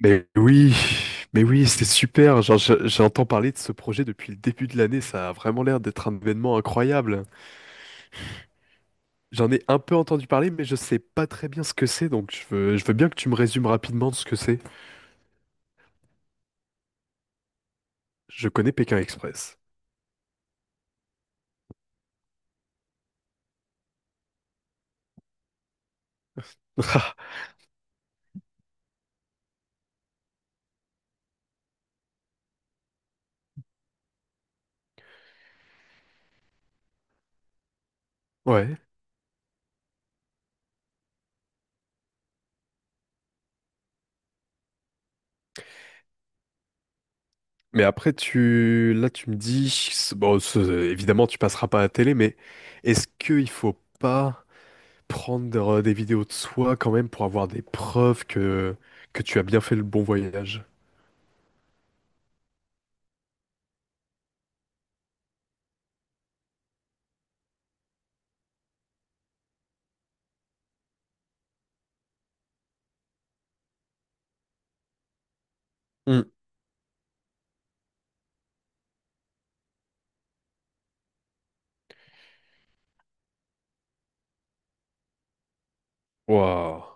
Mais oui, mais oui, c'est super. Genre, j'entends parler de ce projet depuis le début de l'année. Ça a vraiment l'air d'être un événement incroyable. J'en ai un peu entendu parler, mais je sais pas très bien ce que c'est. Donc, je veux bien que tu me résumes rapidement ce que c'est. Je connais Pékin Express. Ouais. Mais après, tu me dis, bon, évidemment, tu passeras pas à la télé, mais est-ce qu'il faut pas prendre des vidéos de soi quand même pour avoir des preuves que tu as bien fait le bon voyage? Waouh.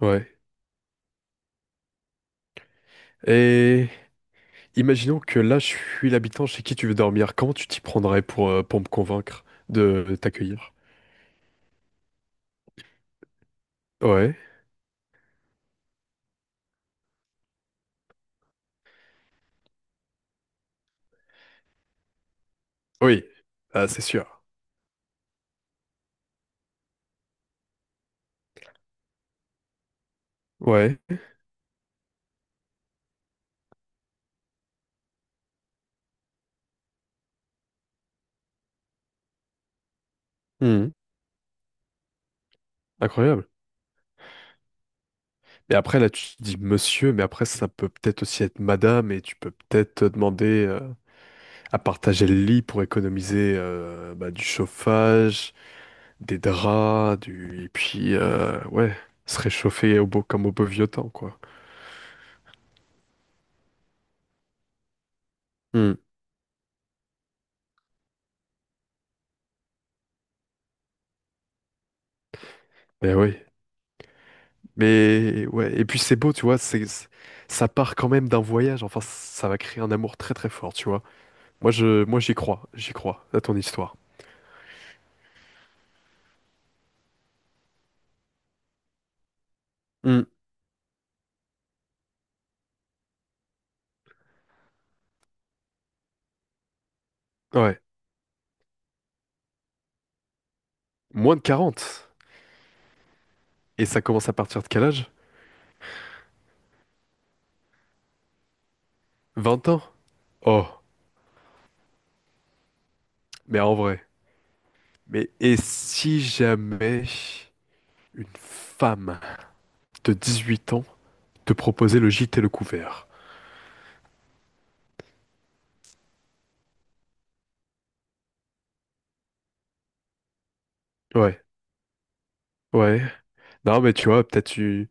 Ouais. Et imaginons que là, je suis l'habitant chez qui tu veux dormir. Comment tu t'y prendrais pour me convaincre de t'accueillir? Ouais. Oui. Ah, c'est sûr. Ouais. Mhm. Incroyable. Mais après, là, tu dis monsieur, mais après, ça peut peut-être aussi être madame, et tu peux peut-être te demander à partager le lit pour économiser bah, du chauffage, des draps, et puis, ouais, se réchauffer comme au beau vieux temps, quoi. Mhm. Mais oui. Mais ouais, et puis c'est beau, tu vois, ça part quand même d'un voyage, enfin ça va créer un amour très très fort, tu vois. Moi j'y crois à ton histoire. Hmm, ouais, moins de 40. Et ça commence à partir de quel âge? 20 ans? Oh, mais en vrai. Mais et si jamais une femme de 18 ans te proposait le gîte et le couvert? Ouais, ouais. Non mais tu vois, peut-être tu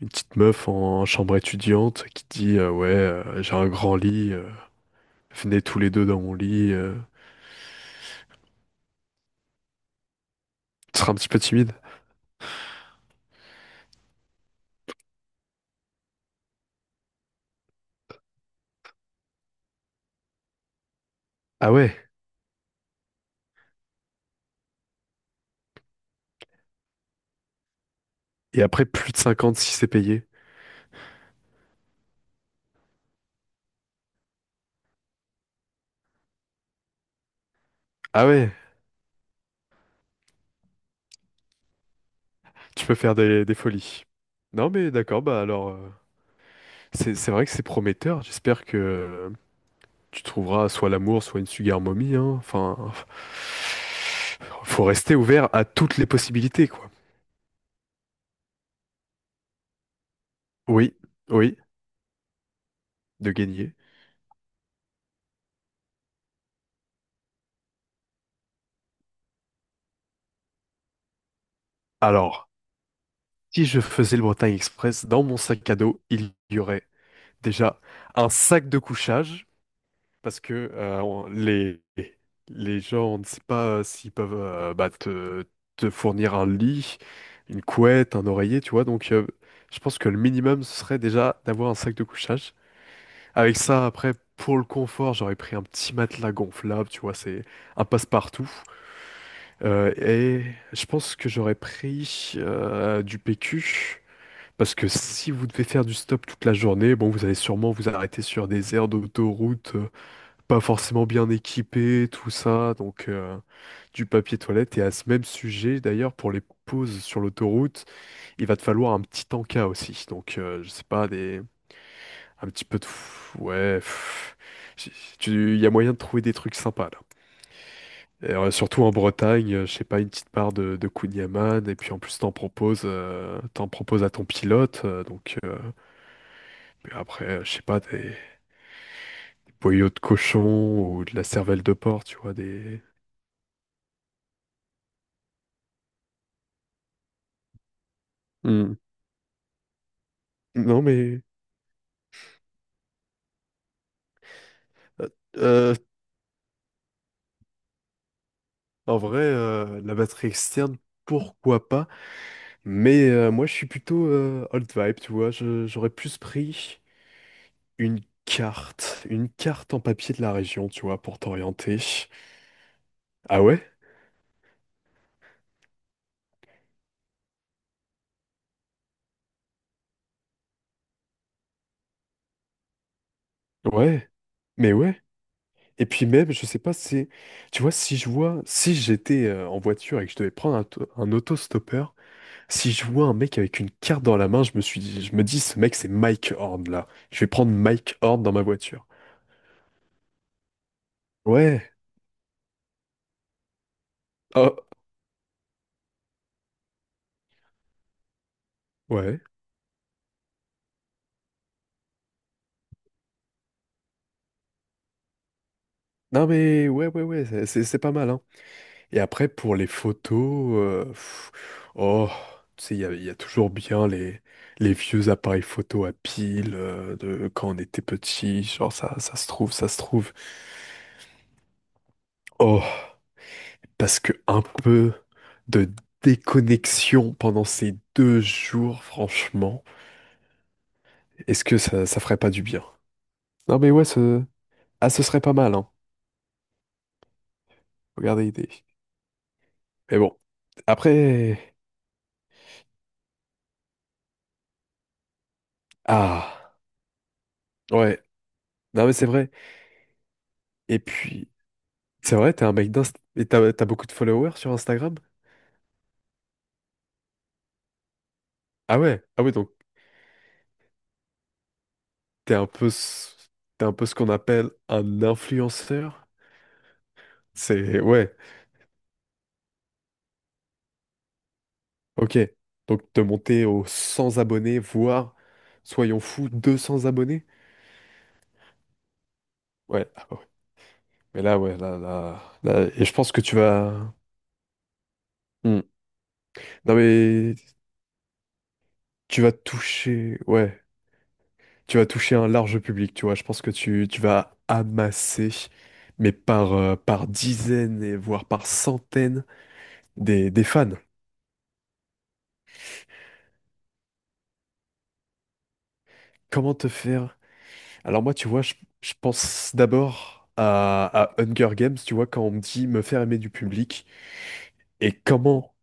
une petite meuf en chambre étudiante qui dit ouais, j'ai un grand lit, venez tous les deux dans mon lit, tu seras un petit peu timide. Ah ouais. Et après, plus de 50 si c'est payé. Ah ouais, tu peux faire des folies. Non mais d'accord, bah alors, c'est vrai que c'est prometteur. J'espère que tu trouveras soit l'amour, soit une sugar mommy, hein. Enfin, faut rester ouvert à toutes les possibilités, quoi. Oui, oui, de gagner. Alors, si je faisais le Bretagne Express, dans mon sac à dos, il y aurait déjà un sac de couchage. Parce que les gens, on ne sait pas s'ils peuvent bah, te fournir un lit, une couette, un oreiller, tu vois. Donc, je pense que le minimum, ce serait déjà d'avoir un sac de couchage. Avec ça, après, pour le confort, j'aurais pris un petit matelas gonflable, tu vois, c'est un passe-partout. Et je pense que j'aurais pris du PQ. Parce que si vous devez faire du stop toute la journée, bon, vous allez sûrement vous arrêter sur des aires d'autoroute pas forcément bien équipés, tout ça, donc du papier toilette. Et à ce même sujet, d'ailleurs, pour les pauses sur l'autoroute, il va te falloir un petit tanka aussi. Donc, je sais pas, des... un petit peu de... f- ouais, j- il y a moyen de trouver des trucs sympas, là. Et, surtout en Bretagne, je sais pas, une petite part de Kouign-Amann, et puis en plus t'en proposes à ton pilote, puis après, je sais pas, des boyaux de cochon ou de la cervelle de porc, tu vois, des... Hmm. Non mais Euh, euh, en vrai, la batterie externe, pourquoi pas? Mais moi, je suis plutôt old vibe, tu vois. J'aurais plus pris une une carte en papier de la région, tu vois, pour t'orienter. Ah ouais? Ouais. Mais ouais. Et puis même, je sais pas, tu vois, si je vois, si j'étais en voiture et que je devais prendre un autostoppeur, si je vois un mec avec une carte dans la main, je me dis, ce mec, c'est Mike Horn là. Je vais prendre Mike Horn dans ma voiture. Ouais. Oh, ouais. Non mais ouais, ouais, ouais, c'est pas mal, hein. Et après pour les photos, oh, tu sais, il y a toujours bien les vieux appareils photo à pile de quand on était petit, genre ça se trouve, ça se trouve. Oh, parce que un peu de déconnexion pendant ces 2 jours, franchement, est-ce que ça ferait pas du bien? Non mais ouais, ce serait pas mal, hein. Regardez l'idée. Mais bon, après. Ah ouais. Non, mais c'est vrai. Et puis, c'est vrai, t'es un mec d'Inst... Et t'as beaucoup de followers sur Instagram? Ah ouais, ah ouais, donc t'es un peu, ce- t'es un peu ce qu'on appelle un influenceur? Ouais, ok. Donc te monter aux 100 abonnés, voire, soyons fous, 200 abonnés? Ouais, ah bah ouais. Mais là, ouais, là, là, là... Et je pense que tu vas... Hmm. Non, mais tu vas toucher... Ouais. Tu vas toucher un large public, tu vois. Je pense que tu vas amasser, mais par dizaines et voire par centaines des fans. Comment te faire? Alors moi, tu vois, je pense d'abord à Hunger Games, tu vois, quand on me dit me faire aimer du public, et comment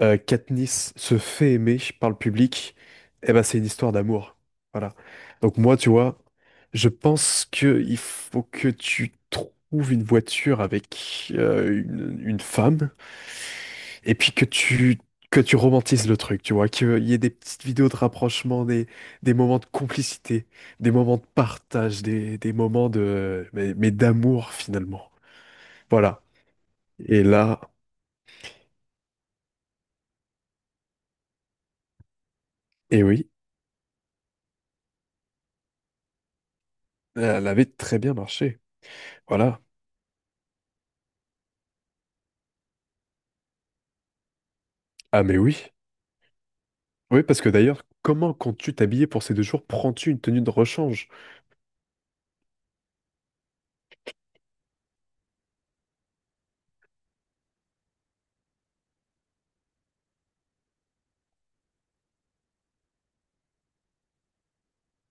Katniss se fait aimer par le public, eh ben c'est une histoire d'amour. Voilà. Donc moi, tu vois, je pense que il faut que tu trouves une voiture avec une femme et puis que tu romantises le truc, tu vois, qu'il y ait des petites vidéos de rapprochement, des moments de complicité, des moments de partage, des moments de mais d'amour finalement. Voilà. Et là, et oui, elle avait très bien marché. Voilà. Ah mais oui. Oui, parce que d'ailleurs, comment, quand tu t'habillais pour ces 2 jours, prends-tu une tenue de rechange?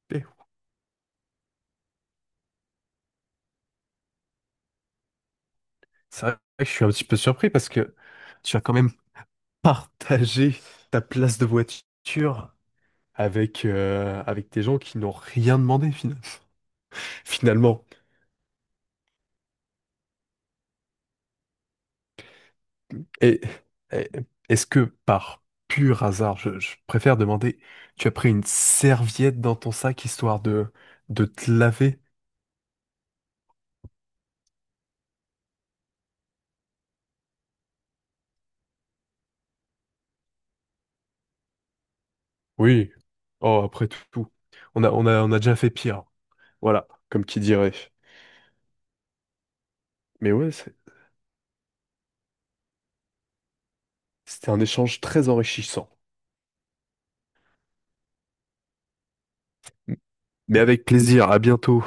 Eh, c'est vrai que je suis un petit peu surpris parce que tu as quand même partagé ta place de voiture avec des gens qui n'ont rien demandé finalement. Finalement. Et, et- est-ce que par pur hasard, je préfère demander, tu as pris une serviette dans ton sac histoire de te laver? Oui. Oh, après tout, on a déjà fait pire. Voilà. Comme qui dirait. Mais ouais, c'était un échange très enrichissant. Mais avec plaisir, à bientôt.